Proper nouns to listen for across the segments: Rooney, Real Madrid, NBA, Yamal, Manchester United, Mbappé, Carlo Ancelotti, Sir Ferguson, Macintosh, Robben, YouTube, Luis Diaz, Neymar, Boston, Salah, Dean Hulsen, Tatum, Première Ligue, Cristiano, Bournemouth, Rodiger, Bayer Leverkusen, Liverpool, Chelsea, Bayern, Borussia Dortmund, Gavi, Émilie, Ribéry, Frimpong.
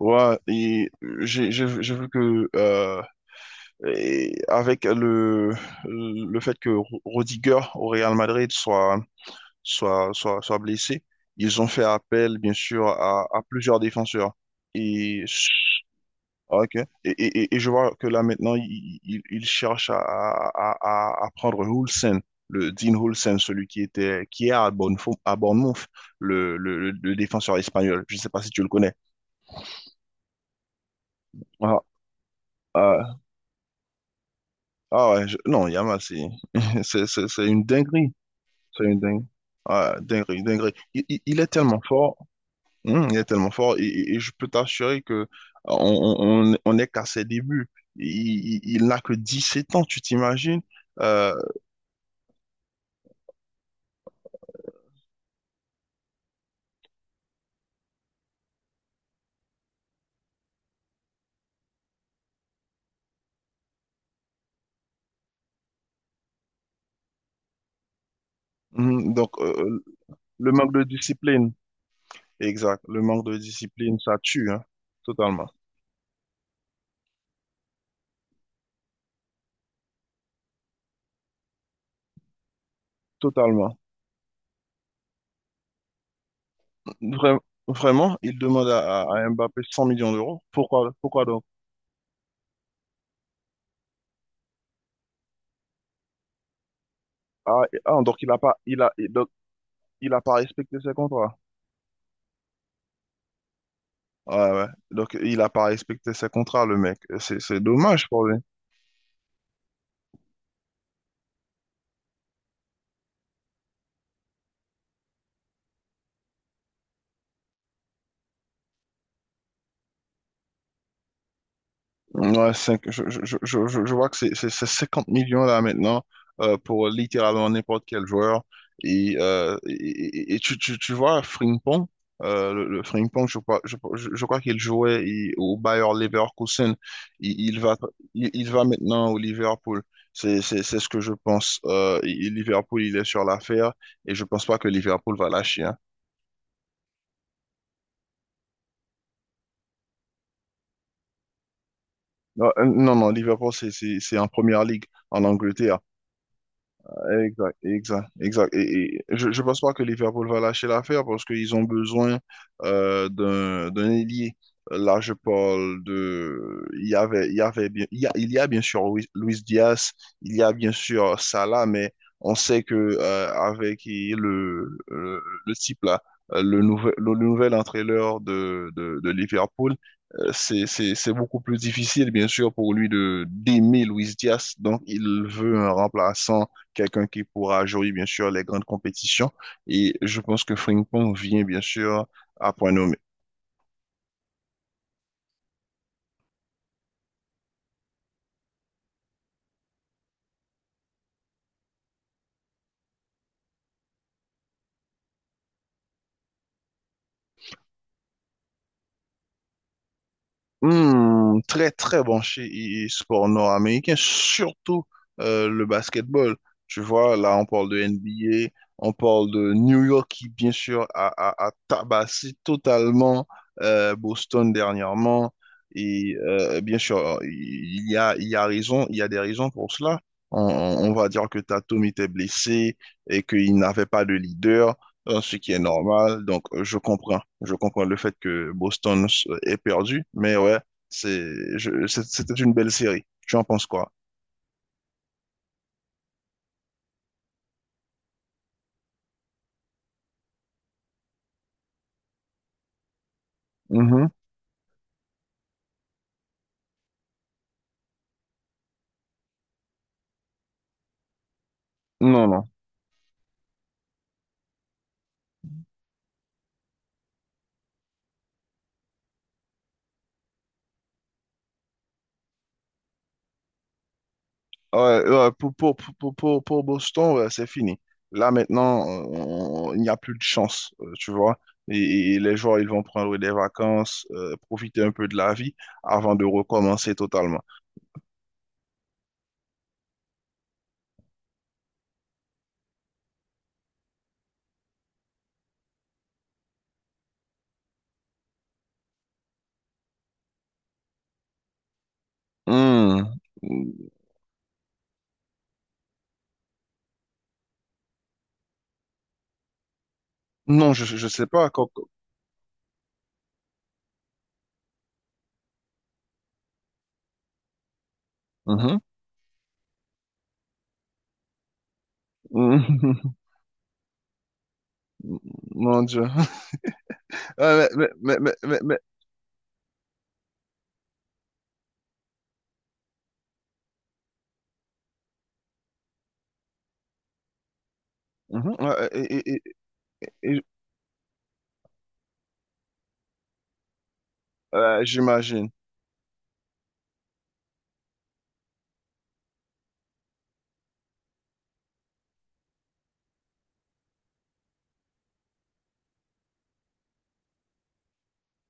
Ouais, et j'ai vu que et avec le fait que Rodiger au Real Madrid soit blessé, ils ont fait appel bien sûr à plusieurs défenseurs. Et ah, ok. Et je vois que là maintenant ils cherchent à prendre Hulsen, le Dean Hulsen, celui qui est à Bournemouth, le défenseur espagnol. Je sais pas si tu le connais. Voilà. Ah ouais, non, Yamal, c'est c'est une dinguerie. C'est une dingue... ah, dinguerie, dinguerie. Il est tellement fort. Il est tellement fort et, et je peux t'assurer que on est qu'à ses débuts. Il n'a que 17 ans, tu t'imagines? Euh, donc, le manque de discipline, exact, le manque de discipline, ça tue, hein, totalement, totalement. Vra- Vraiment, il demande à Mbappé 100 millions d'euros. Pourquoi, pourquoi donc? Donc il a pas, il a, il- donc, il a pas respecté ses contrats. Ouais, ouais. Donc il a pas respecté ses contrats, le mec. C'est dommage pour lui. Ouais, je vois que c'est 50 millions là maintenant pour littéralement n'importe quel joueur. Et, euh, et, et tu vois, Frimpong, le Frimpong, je crois, qu'il jouait au Bayer Leverkusen. Il, il va, il va maintenant au Liverpool. C'est ce que je pense. Liverpool, il est sur l'affaire et je pense pas que Liverpool va lâcher, hein. Non, non, non, Liverpool, c'est en première ligue en Angleterre. Exact, exact, exact. Et je ne pense pas que Liverpool va lâcher l'affaire parce qu'ils ont besoin d'un ailier. Là, je parle de. Il y a bien sûr Luis Diaz, il y a bien sûr Salah, mais on sait que avec le type là, le nouvel entraîneur de Liverpool, c'est beaucoup plus difficile, bien sûr, pour lui de d'aimer Luis Diaz. Donc, il veut un remplaçant, quelqu'un qui pourra jouer, bien sûr, les grandes compétitions. Et je pense que Frimpong vient, bien sûr, à point nommé. Très très branché sport nord-américain, surtout le basketball. Tu vois, là on parle de NBA, on parle de New York qui bien sûr a tabassé totalement Boston dernièrement. Et bien sûr, il y a raison, il y a des raisons pour cela. On va dire que Tatum était blessé et qu'il n'avait pas de leader, ce qui est normal. Donc, je comprends. Je comprends le fait que Boston ait perdu. Mais ouais, c'est, c'était une belle série. Tu en penses quoi? Mhm. Non, non. Ouais, ouais, pour Boston, ouais, c'est fini. Là, maintenant, il n'y a plus de chance, tu vois. Et les joueurs, ils vont prendre des vacances, profiter un peu de la vie avant de recommencer totalement. Hmm. Non, je ne sais pas. Mhm. Mon Dieu. Euh, mais, mais, mais, mais, mais- mhm, euh, et- et- et- et- j'imagine.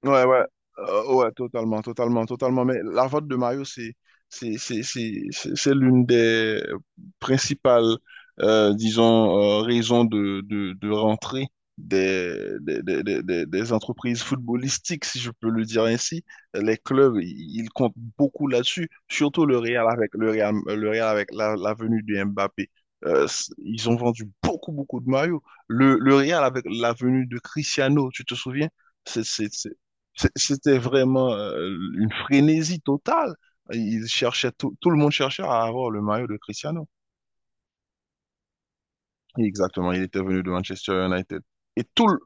Ouais, ouais, ouais, totalement, totalement, totalement. Mais la vente de maillot, c'est l'une des principales, disons, raisons de rentrée des, des entreprises footballistiques, si je peux le dire ainsi. Les clubs, ils comptent beaucoup là-dessus, surtout le Real avec la venue de Mbappé. Ils ont vendu beaucoup, beaucoup de maillots. Le Real avec la venue de Cristiano, tu te souviens? C'est c'était vraiment une frénésie totale. Il cherchait tout, tout le monde cherchait à avoir le maillot de Cristiano. Exactement, il était venu de Manchester United. Et tout le...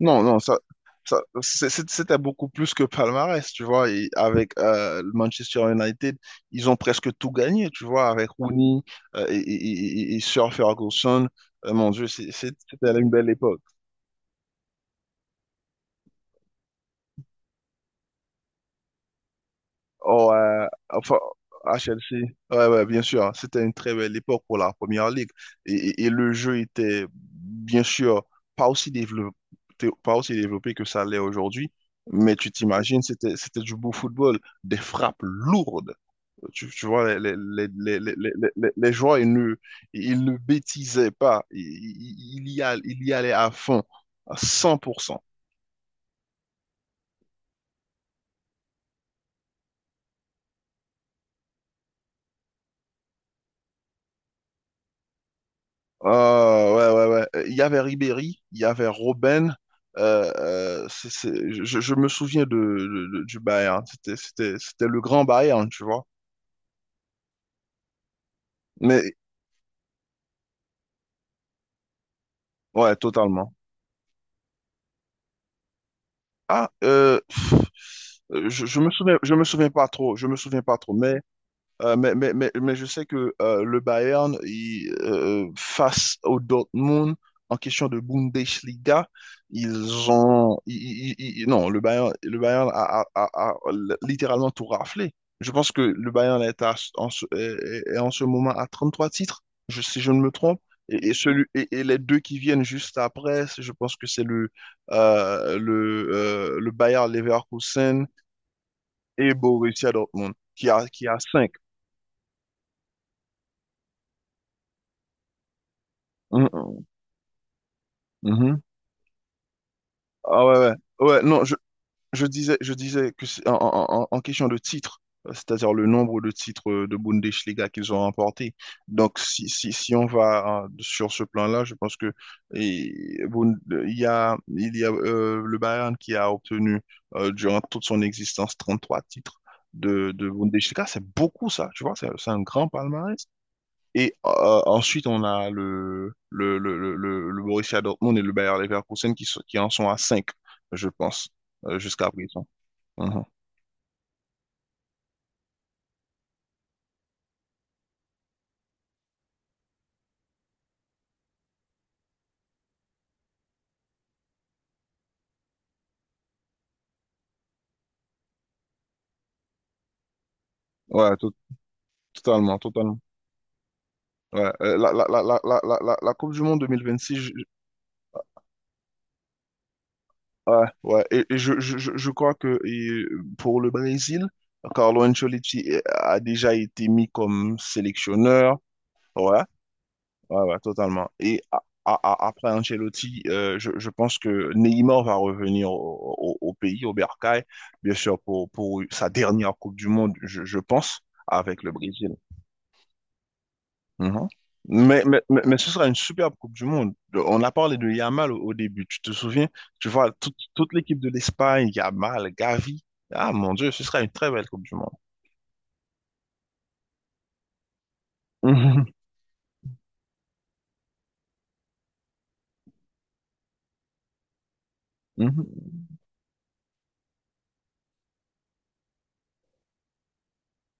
Non, non, ça, c'était beaucoup plus que palmarès, tu vois. Et avec le Manchester United, ils ont presque tout gagné, tu vois, avec Rooney et Sir Ferguson. Mon Dieu, c'était une belle époque. Oh, enfin, à Chelsea. Ouais, ouais, bien sûr, hein. C'était une très belle époque pour la Première Ligue. Et le jeu était, bien sûr, pas aussi développé, pas aussi développé que ça l'est aujourd'hui. Mais tu t'imagines, c'était du beau football, des frappes lourdes. Tu vois, les joueurs, ils ne bêtisaient pas. Ils y allaient à fond, à 100%. Ouais, ouais, ouais. Il y avait Ribéry, il y avait Robben. Je me souviens du Bayern. C'était le grand Bayern, tu vois. Mais ouais, totalement. Ah, je me souviens pas trop. Je me souviens pas trop. Mais je sais que le Bayern, face au Dortmund, en question de Bundesliga, ils ont... ils- ils- ils- non, le Bayern a littéralement tout raflé. Je pense que le Bayern est, à- en, ce, est- est en ce moment à 33 titres, si je ne me trompe. Et les deux qui viennent juste après, je pense que c'est le Bayer Leverkusen et Borussia Dortmund, qui a cinq. Mm, mm. Mhm. Ah ouais, ouais. Ouais, non, je disais que en question de titres, c'est-à-dire le nombre de titres de Bundesliga qu'ils ont remportés. Donc, si on va hein, sur ce plan-là, je pense que et, Bund- il y a le Bayern qui a obtenu durant toute son existence 33 titres de Bundesliga. C'est beaucoup ça, tu vois, c'est un grand palmarès. Et ensuite, on a le Borussia Dortmund et le Bayer Leverkusen qui en sont à cinq, je pense, jusqu'à présent. Mhm. Ouais, totalement, totalement. Ouais, la Coupe du Monde 2026, ouais, ouais, et je crois que pour le Brésil, Carlo Ancelotti a déjà été mis comme sélectionneur. Ouais, Ouais, ouais, totalement. Et après Ancelotti, je pense que Neymar va revenir au pays, au Bercail, bien sûr, pour sa dernière Coupe du Monde, je pense, avec le Brésil. Mhm. Mais ce sera une superbe Coupe du Monde. On a parlé de Yamal au début, tu te souviens? Tu vois, toute l'équipe de l'Espagne, Yamal, Gavi. Ah mon Dieu, ce sera une très belle Coupe du Monde. Mhm. Mhm.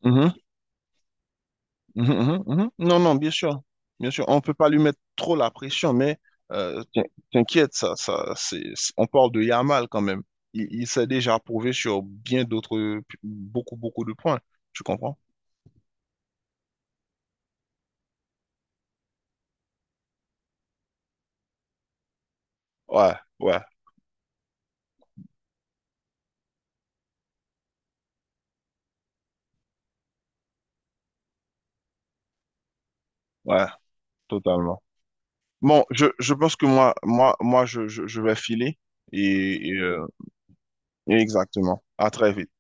Mhm. Mhm, mhm, mhm. Non, non, bien sûr. Bien sûr, on ne peut pas lui mettre trop la pression, mais euh, t'in- t'inquiète, ça, on parle de Yamal quand même. Il s'est déjà prouvé sur bien d'autres, beaucoup, beaucoup de points. Tu comprends? Ouais, ouais, ouais, totalement. Bon, je pense que moi, moi, moi, je vais filer et, et, euh, exactement. À très vite.